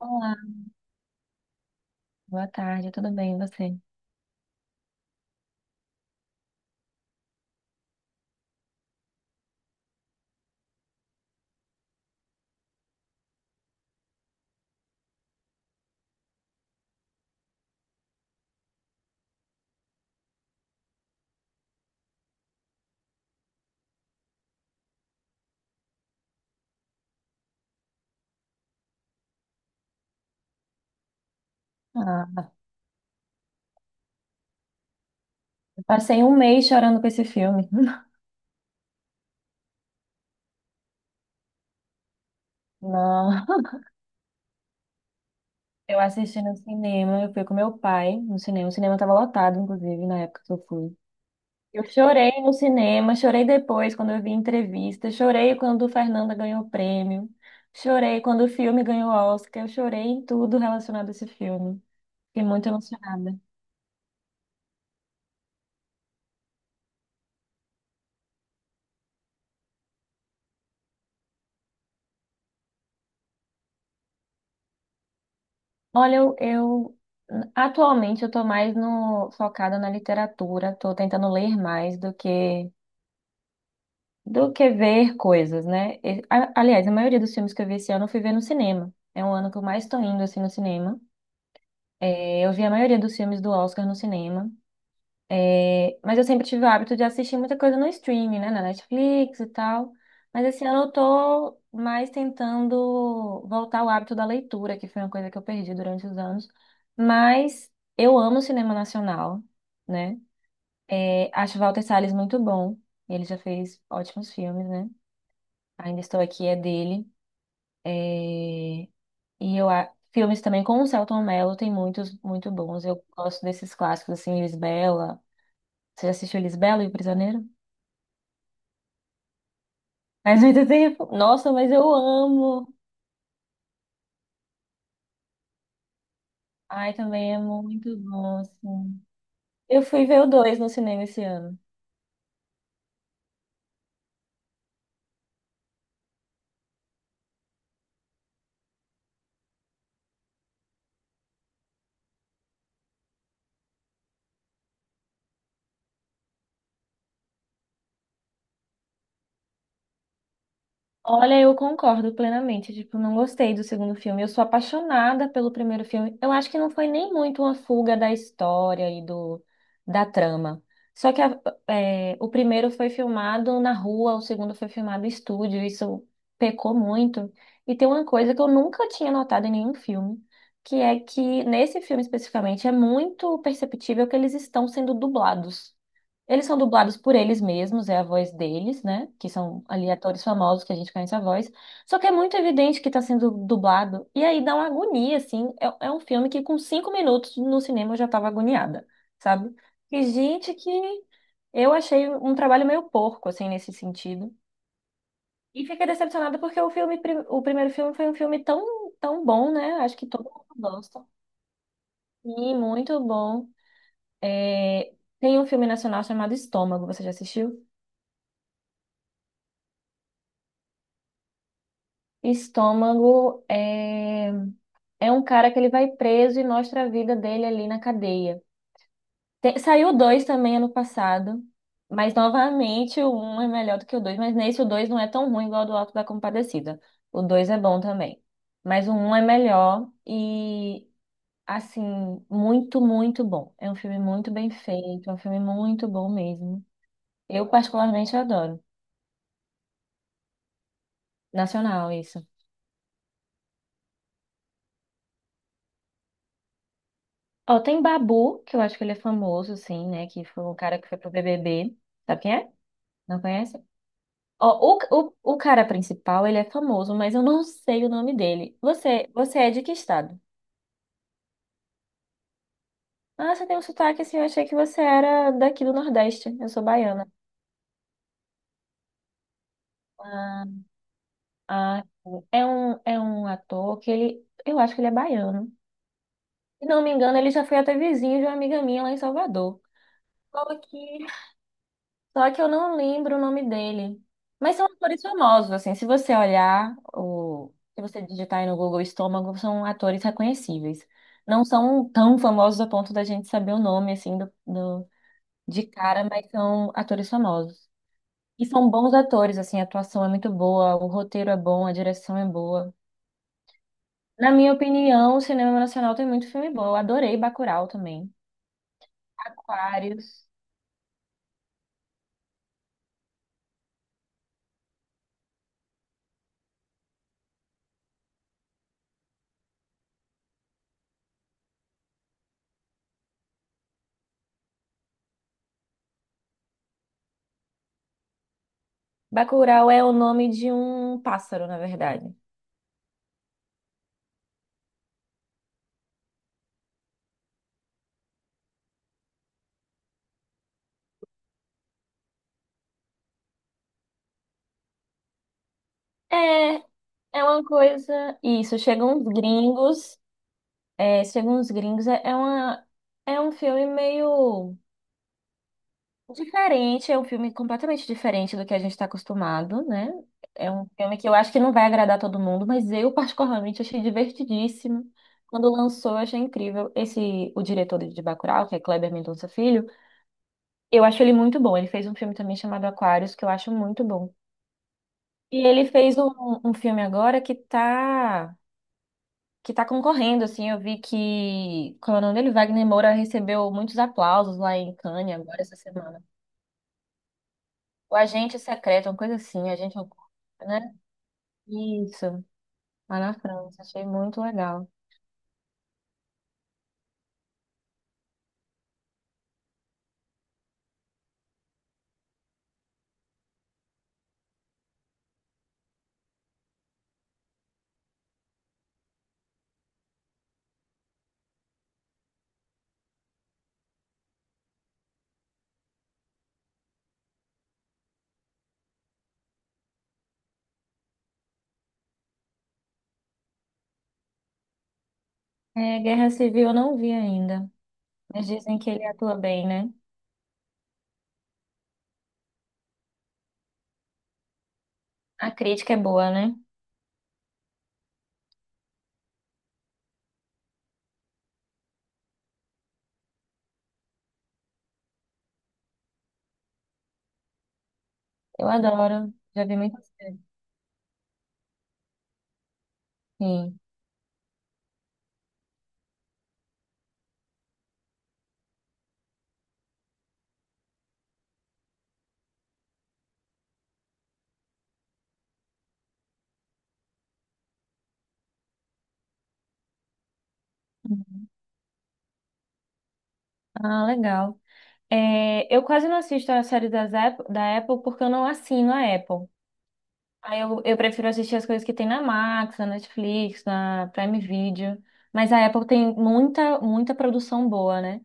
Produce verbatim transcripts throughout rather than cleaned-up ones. Olá, boa tarde, tudo bem, e você? Ah, passei um mês chorando com esse filme. Não, eu assisti no cinema, eu fui com meu pai no cinema. O cinema estava lotado, inclusive, na época que eu fui. Eu chorei no cinema, chorei depois quando eu vi entrevista, chorei quando o Fernanda ganhou o prêmio, chorei quando o filme ganhou o Oscar, eu chorei em tudo relacionado a esse filme. Fiquei muito emocionada. Olha, eu, eu- atualmente eu tô mais no focada na literatura, tô tentando ler mais do que do que ver coisas, né? E, a- aliás, a maioria dos filmes que eu vi esse ano eu fui ver no cinema. É um ano que eu mais tô indo assim no cinema. É, eu vi a maioria dos filmes do Oscar no cinema. É, mas eu sempre tive o hábito de assistir muita coisa no streaming, né? Na Netflix e tal. Mas esse ano eu tô mais tentando voltar ao hábito da leitura, que foi uma coisa que eu perdi durante os anos. Mas eu amo cinema nacional, né? É, acho Walter Salles muito bom. Ele já fez ótimos filmes, né? Ainda Estou Aqui é dele. É, e eu a- filmes também com o Selton Mello tem muitos muito bons. Eu gosto desses clássicos assim, Lisbela. Você já assistiu Lisbela e o Prisioneiro? Mas muito tempo. Nossa, mas eu amo. Ai, também é muito bom, assim. Eu fui ver o dois no cinema esse ano. Olha, eu concordo plenamente. Tipo, não gostei do segundo filme. Eu sou apaixonada pelo primeiro filme. Eu acho que não foi nem muito uma fuga da história e do da trama. Só que a- é, o primeiro foi filmado na rua, o segundo foi filmado em estúdio. Isso pecou muito. E tem uma coisa que eu nunca tinha notado em nenhum filme, que é que nesse filme especificamente é muito perceptível que eles estão sendo dublados. Eles são dublados por eles mesmos, é a voz deles, né? Que são ali atores famosos que a gente conhece a voz. Só que é muito evidente que está sendo dublado. E aí dá uma agonia, assim. É, é um filme que com cinco minutos no cinema eu já estava agoniada, sabe? E gente que eu achei um trabalho meio porco, assim, nesse sentido. E fiquei decepcionada porque o filme, pri- o primeiro filme foi um filme tão, tão bom, né? Acho que todo mundo gosta. E muito bom. É, tem um filme nacional chamado Estômago, você já assistiu? Estômago é, é um cara que ele vai preso e mostra a vida dele ali na cadeia. Tem- Saiu o dois também ano passado, mas novamente o um é melhor do que o dois, mas nesse o dois não é tão ruim igual ao do Alto da Compadecida. O dois é bom também, mas o um é melhor e, assim, muito, muito bom. É um filme muito bem feito, é um filme muito bom mesmo. Eu particularmente adoro. Nacional, isso. Ó, tem Babu, que eu acho que ele é famoso, assim, né? Que foi um cara que foi pro B B B. Sabe quem é? Não conhece? Ó, o, o, o cara principal, ele é famoso, mas eu não sei o nome dele. Você, você é de que estado? Ah, você tem um sotaque assim, eu achei que você era daqui do Nordeste. Eu sou baiana. Ah, ah, é um, é um ator que ele, eu acho que ele é baiano. Se não me engano, ele já foi até vizinho de uma amiga minha lá em Salvador. Fala aqui. Só que eu não lembro o nome dele. Mas são atores famosos, assim. Se você olhar, o se você digitar aí no Google Estômago, são atores reconhecíveis. Não são tão famosos a ponto da gente saber o nome, assim, do, do- de cara, mas são atores famosos. E são bons atores, assim. A atuação é muito boa, o roteiro é bom, a direção é boa. Na minha opinião, o cinema nacional tem muito filme bom. Eu adorei Bacurau também. Aquários. Bacurau é o nome de um pássaro, na verdade. É, É uma coisa. Isso, chegam uns gringos. É, chegam uns gringos. É, é uma, é um filme meio diferente. É um filme completamente diferente do que a gente está acostumado, né? É um filme que eu acho que não vai agradar todo mundo, mas eu, particularmente, achei divertidíssimo. Quando lançou, eu achei incrível. Esse, o diretor de Bacurau, que é Kleber Mendonça Filho, eu acho ele muito bom. Ele fez um filme também chamado Aquários, que eu acho muito bom. E ele fez um, um filme agora que tá. Que tá concorrendo, assim, eu vi que, como é o nome dele, Wagner Moura recebeu muitos aplausos lá em Cannes agora essa semana. O Agente Secreto, uma coisa assim, Agente Oculto, né? Isso, lá na França, achei muito legal. É, Guerra Civil eu não vi ainda. Eles dizem que ele atua bem, né? A crítica é boa, né? Eu adoro, já vi muitas vezes. Sim. Uhum. Ah, legal. É, eu quase não assisto a série das Apple- da Apple porque eu não assino a Apple. Aí eu, eu prefiro assistir as coisas que tem na Max, na Netflix, na Prime Video. Mas a Apple tem muita, muita produção boa, né?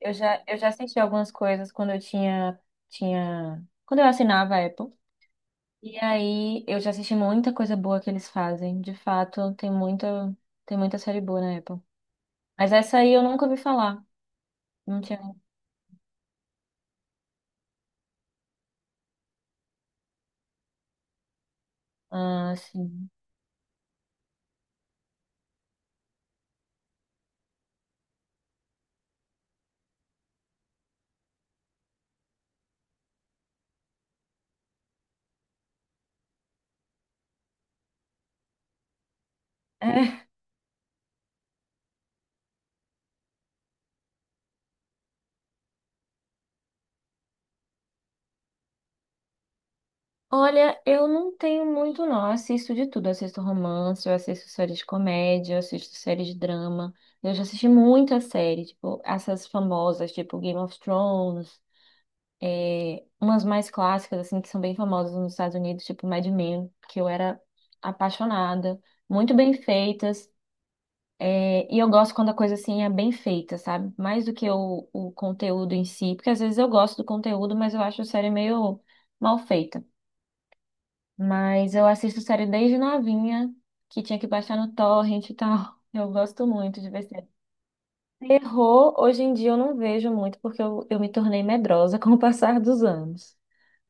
Eu já, eu já assisti algumas coisas quando eu tinha, tinha, quando eu assinava a Apple. E aí eu já assisti muita coisa boa que eles fazem. De fato, tem muita, tem muita série boa na Apple. Mas essa aí eu nunca ouvi falar. Não tinha. Ah, sim. É, olha, eu não tenho muito, não. Eu assisto de tudo. Eu assisto romance, eu assisto séries de comédia, eu assisto séries de drama. Eu já assisti muita série, tipo, essas famosas, tipo Game of Thrones, é, umas mais clássicas, assim, que são bem famosas nos Estados Unidos, tipo Mad Men, que eu era apaixonada. Muito bem feitas. é, e eu gosto quando a coisa, assim, é bem feita, sabe? Mais do que o, o conteúdo em si, porque às vezes eu gosto do conteúdo, mas eu acho a série meio mal feita. Mas eu assisto série desde novinha, que tinha que baixar no torrent e tal. Eu gosto muito de ver série. Terror, hoje em dia eu não vejo muito, porque eu, eu me tornei medrosa com o passar dos anos.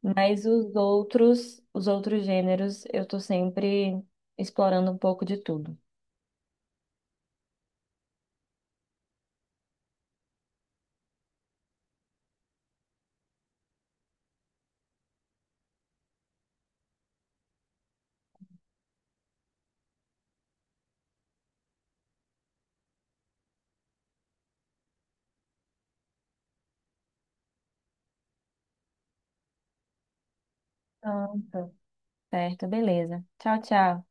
Mas os outros, os outros gêneros, eu tô sempre explorando um pouco de tudo. Pronto. Certo, beleza. Tchau, tchau.